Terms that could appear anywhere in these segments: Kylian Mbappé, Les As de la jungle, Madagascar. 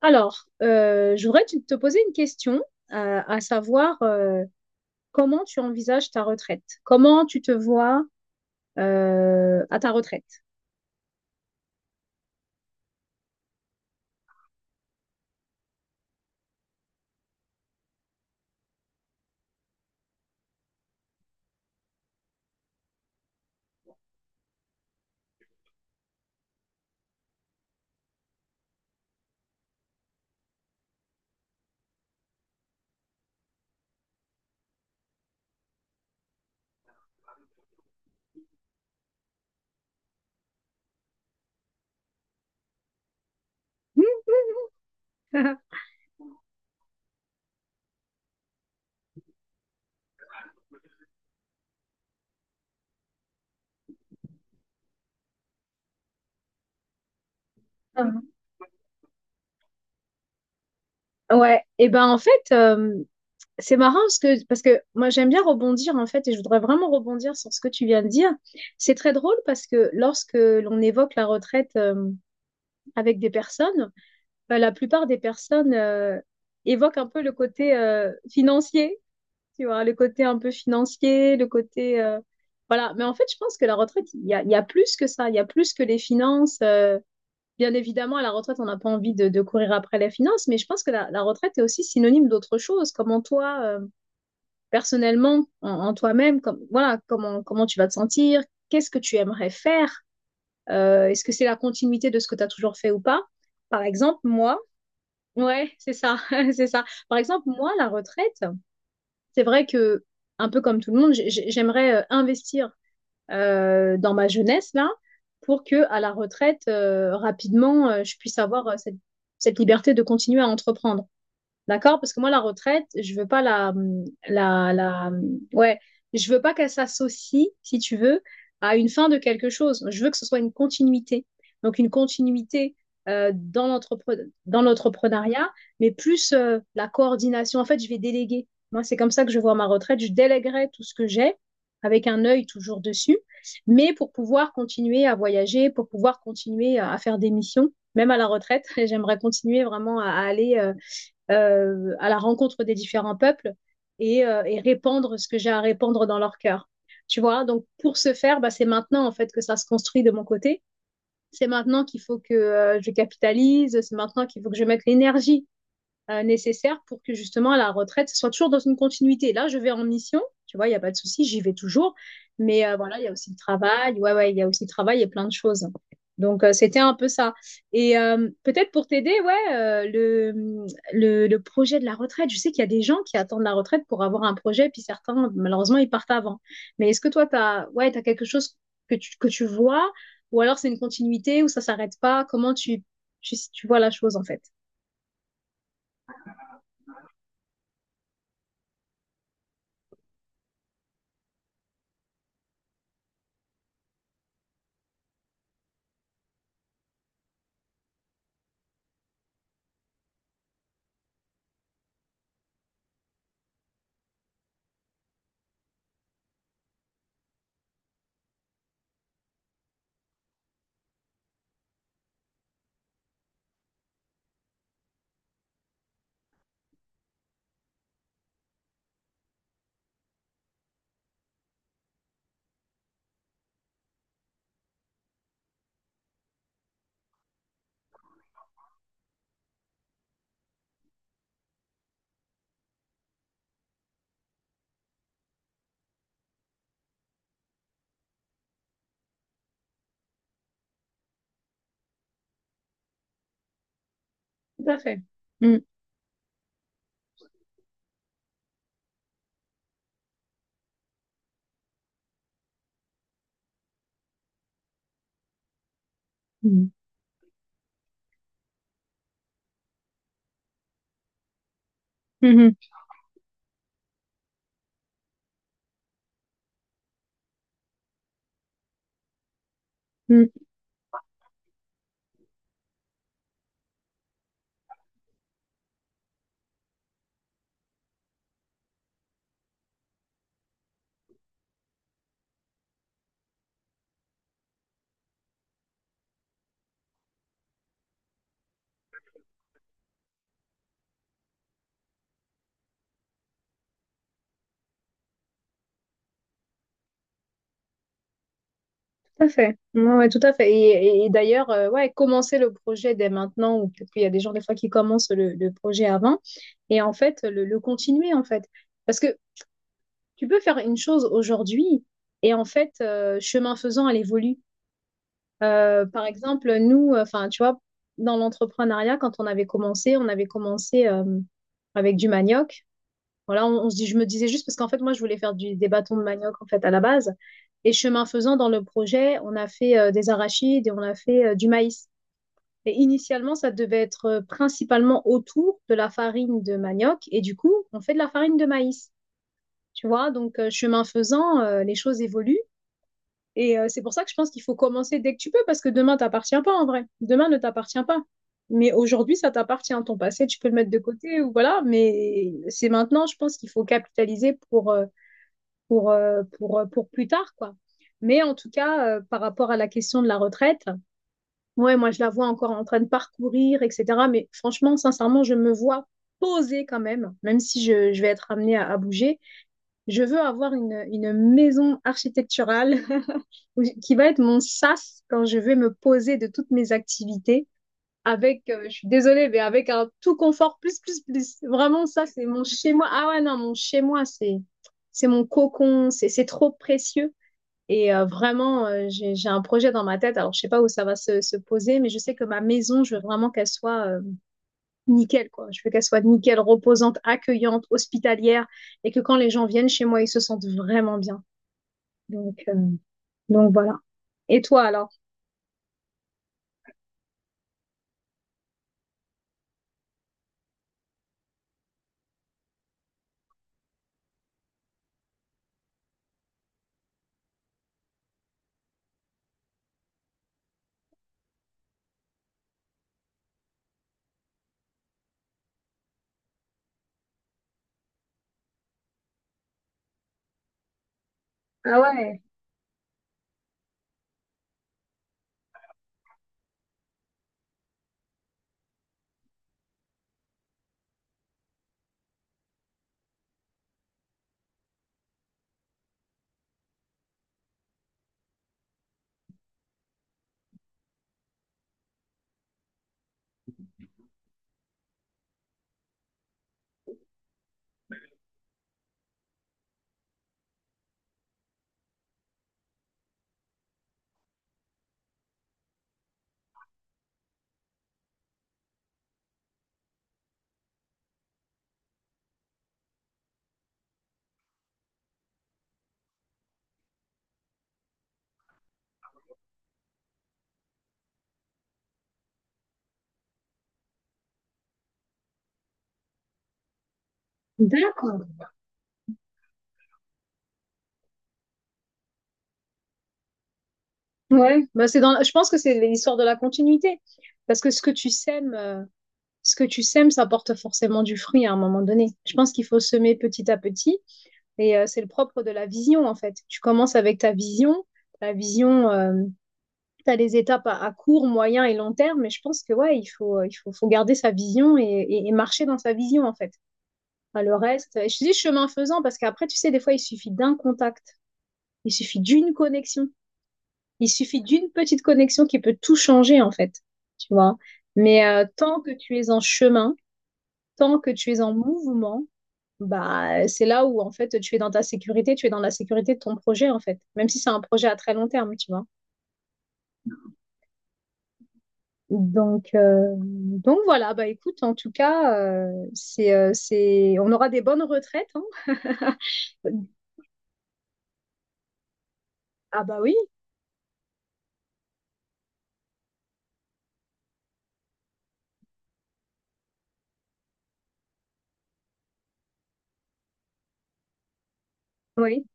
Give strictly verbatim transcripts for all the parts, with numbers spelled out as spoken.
Alors, euh, je voudrais te te poser une question, euh, à savoir euh, comment tu envisages ta retraite? Comment tu te vois euh, à ta retraite? Ouais, et ben en fait, euh, c'est marrant parce que, parce que moi j'aime bien rebondir en fait, et je voudrais vraiment rebondir sur ce que tu viens de dire. C'est très drôle parce que lorsque l'on évoque la retraite euh, avec des personnes, ben, la plupart des personnes euh, évoquent un peu le côté euh, financier. Tu vois, le côté un peu financier, le côté... euh, Voilà, mais en fait, je pense que la retraite, il y a, il y a plus que ça, il y a plus que les finances. euh, Bien évidemment, à la retraite, on n'a pas envie de, de courir après les finances, mais je pense que la, la retraite est aussi synonyme d'autre chose. Comment toi, euh, personnellement, en, en toi-même, comme, voilà, comment, comment tu vas te sentir, qu'est-ce que tu aimerais faire, euh, est-ce que c'est la continuité de ce que tu as toujours fait ou pas? Par exemple, moi, ouais, c'est ça, c'est ça. Par exemple, moi, la retraite... C'est vrai que, un peu comme tout le monde, j'aimerais euh, investir euh, dans ma jeunesse là pour que, à la retraite, euh, rapidement, euh, je puisse avoir euh, cette, cette liberté de continuer à entreprendre. D'accord? Parce que moi, la retraite, je veux pas la, la, la, ouais, je veux pas qu'elle s'associe, si tu veux, à une fin de quelque chose. Je veux que ce soit une continuité. Donc, une continuité euh, dans l'entrepre- dans l'entrepreneuriat, mais plus euh, la coordination. En fait, je vais déléguer. Moi, c'est comme ça que je vois ma retraite. Je déléguerai tout ce que j'ai avec un œil toujours dessus, mais pour pouvoir continuer à voyager, pour pouvoir continuer à à faire des missions, même à la retraite, j'aimerais continuer vraiment à à aller. euh, euh, à la rencontre des différents peuples et, euh, et répandre ce que j'ai à répandre dans leur cœur. Tu vois, donc pour ce faire, bah, c'est maintenant en fait que ça se construit de mon côté. C'est maintenant qu'il faut que euh, je capitalise, c'est maintenant qu'il faut que je mette l'énergie euh, nécessaires pour que justement à la retraite, ce soit toujours dans une continuité. Là, je vais en mission, tu vois, il n'y a pas de souci, j'y vais toujours. Mais euh, voilà, il y a aussi le travail, ouais, ouais, il y a aussi le travail et plein de choses. Donc, euh, c'était un peu ça. Et euh, peut-être pour t'aider, ouais, euh, le, le, le projet de la retraite, je sais qu'il y a des gens qui attendent la retraite pour avoir un projet, puis certains, malheureusement, ils partent avant. Mais est-ce que toi, tu as, ouais, t'as quelque chose que tu, que tu vois, ou alors c'est une continuité, ou ça s'arrête pas? Comment tu, tu, tu vois la chose, en fait? Tout à fait. Mm, mm, mhm, mm, tout à fait. Ouais, ouais, tout à fait. Et, et- et d'ailleurs, euh, ouais, commencer le projet dès maintenant, ou peut-être qu'il y a des gens des fois qui commencent le, le projet avant, et en fait, le, le continuer, en fait. Parce que tu peux faire une chose aujourd'hui et en fait, euh, chemin faisant, elle évolue. Euh, par exemple, nous, euh, enfin, tu vois, dans l'entrepreneuriat, quand on avait commencé, on avait commencé euh, avec du manioc. Voilà, on, on se dit, je me disais juste parce qu'en fait, moi, je voulais faire du, des bâtons de manioc en fait à la base. Et chemin faisant, dans le projet, on a fait euh, des arachides et on a fait euh, du maïs. Et initialement, ça devait être euh, principalement autour de la farine de manioc. Et du coup, on fait de la farine de maïs. Tu vois, donc euh, chemin faisant, euh, les choses évoluent. Et euh, c'est pour ça que je pense qu'il faut commencer dès que tu peux, parce que demain t'appartient pas en vrai. Demain ne t'appartient pas. Mais aujourd'hui, ça t'appartient. Ton passé, tu peux le mettre de côté ou voilà. Mais c'est maintenant, je pense qu'il faut capitaliser pour, euh, pour, euh, pour, euh, pour plus tard, quoi. Mais en tout cas, euh, par rapport à la question de la retraite, ouais, moi je la vois encore en train de parcourir, et cætera. Mais franchement, sincèrement, je me vois poser quand même, même si je, je vais être amenée à à bouger. Je veux avoir une, une maison architecturale qui va être mon sas quand je vais me poser de toutes mes activités avec, euh, je suis désolée, mais avec un tout confort plus, plus, plus. Vraiment, ça, c'est mon chez-moi. Ah ouais, non, mon chez-moi, c'est, c'est mon cocon, c'est, c'est trop précieux. Et euh, vraiment, euh, j'ai, j'ai un projet dans ma tête. Alors, je ne sais pas où ça va se, se poser, mais je sais que ma maison, je veux vraiment qu'elle soit euh, nickel, quoi. Je veux qu'elle soit nickel, reposante, accueillante, hospitalière, et que quand les gens viennent chez moi, ils se sentent vraiment bien. Donc, euh, donc voilà. Et toi alors? Ah ouais, d'accord. Ouais, bah, c'est dans, je pense que c'est l'histoire de la continuité. Parce que ce que tu sèmes, euh, ce que tu sèmes, ça porte forcément du fruit à un moment donné. Je pense qu'il faut semer petit à petit. Et euh, c'est le propre de la vision, en fait. Tu commences avec ta vision. La vision, tu as les étapes à, à court, moyen et long terme. Mais je pense que, ouais, il faut, euh, il faut, faut garder sa vision et, et- et marcher dans sa vision, en fait. Enfin, le reste, je te dis chemin faisant, parce qu'après, tu sais, des fois, il suffit d'un contact. Il suffit d'une connexion. Il suffit d'une petite connexion qui peut tout changer, en fait. Tu vois? Mais euh, tant que tu es en chemin, tant que tu es en mouvement, bah, c'est là où, en fait, tu es dans ta sécurité, tu es dans la sécurité de ton projet, en fait. Même si c'est un projet à très long terme, tu vois? Donc, euh, donc voilà, bah écoute, en tout cas, euh, c'est, euh, c'est, on aura des bonnes retraites, hein. Ah bah oui, oui.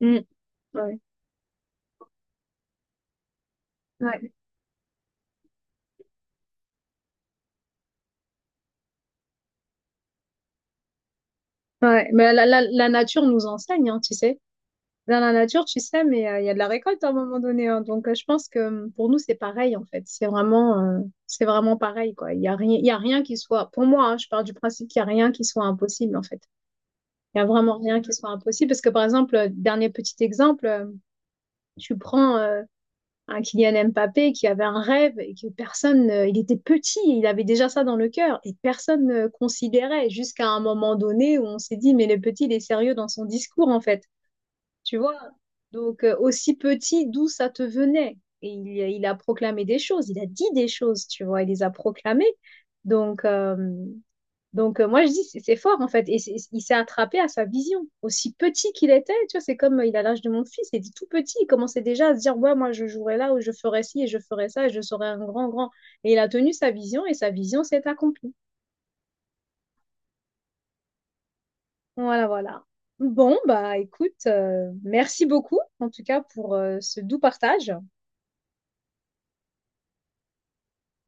Mm. Ouais. Ouais. Ouais. Mais la, la, la nature nous enseigne, hein, tu sais. Dans la nature, tu sais, mais euh, il y a de la récolte à un moment donné, hein. Donc, euh, je pense que euh, pour nous, c'est pareil, en fait. C'est vraiment, euh, c'est vraiment pareil, quoi. Il y a rien, il y a rien qui soit, pour moi, hein, je pars du principe qu'il y a rien qui soit impossible, en fait. Il y a vraiment rien qui soit impossible. Parce que, par exemple, euh, dernier petit exemple, euh, tu prends euh, un Kylian Mbappé qui avait un rêve et que personne, euh, il était petit, il avait déjà ça dans le cœur et personne ne considérait jusqu'à un moment donné où on s'est dit, mais le petit, il est sérieux dans son discours, en fait. Tu vois? Donc, euh, aussi petit, d'où ça te venait? Et il, il a proclamé des choses, il a dit des choses, tu vois, il les a proclamées. Donc, euh, donc euh, moi, je dis, c'est c'est fort, en fait. Et c'est- il s'est attrapé à sa vision. Aussi petit qu'il était, tu vois, c'est comme euh, il a l'âge de mon fils, il était tout petit, il commençait déjà à se dire, ouais, moi, je jouerai là, ou je ferai ci, et je ferai ça, et je serai un grand, grand. Et il a tenu sa vision, et sa vision s'est accomplie. Voilà, voilà. Bon, bah écoute, euh, merci beaucoup, en tout cas, pour euh, ce doux partage.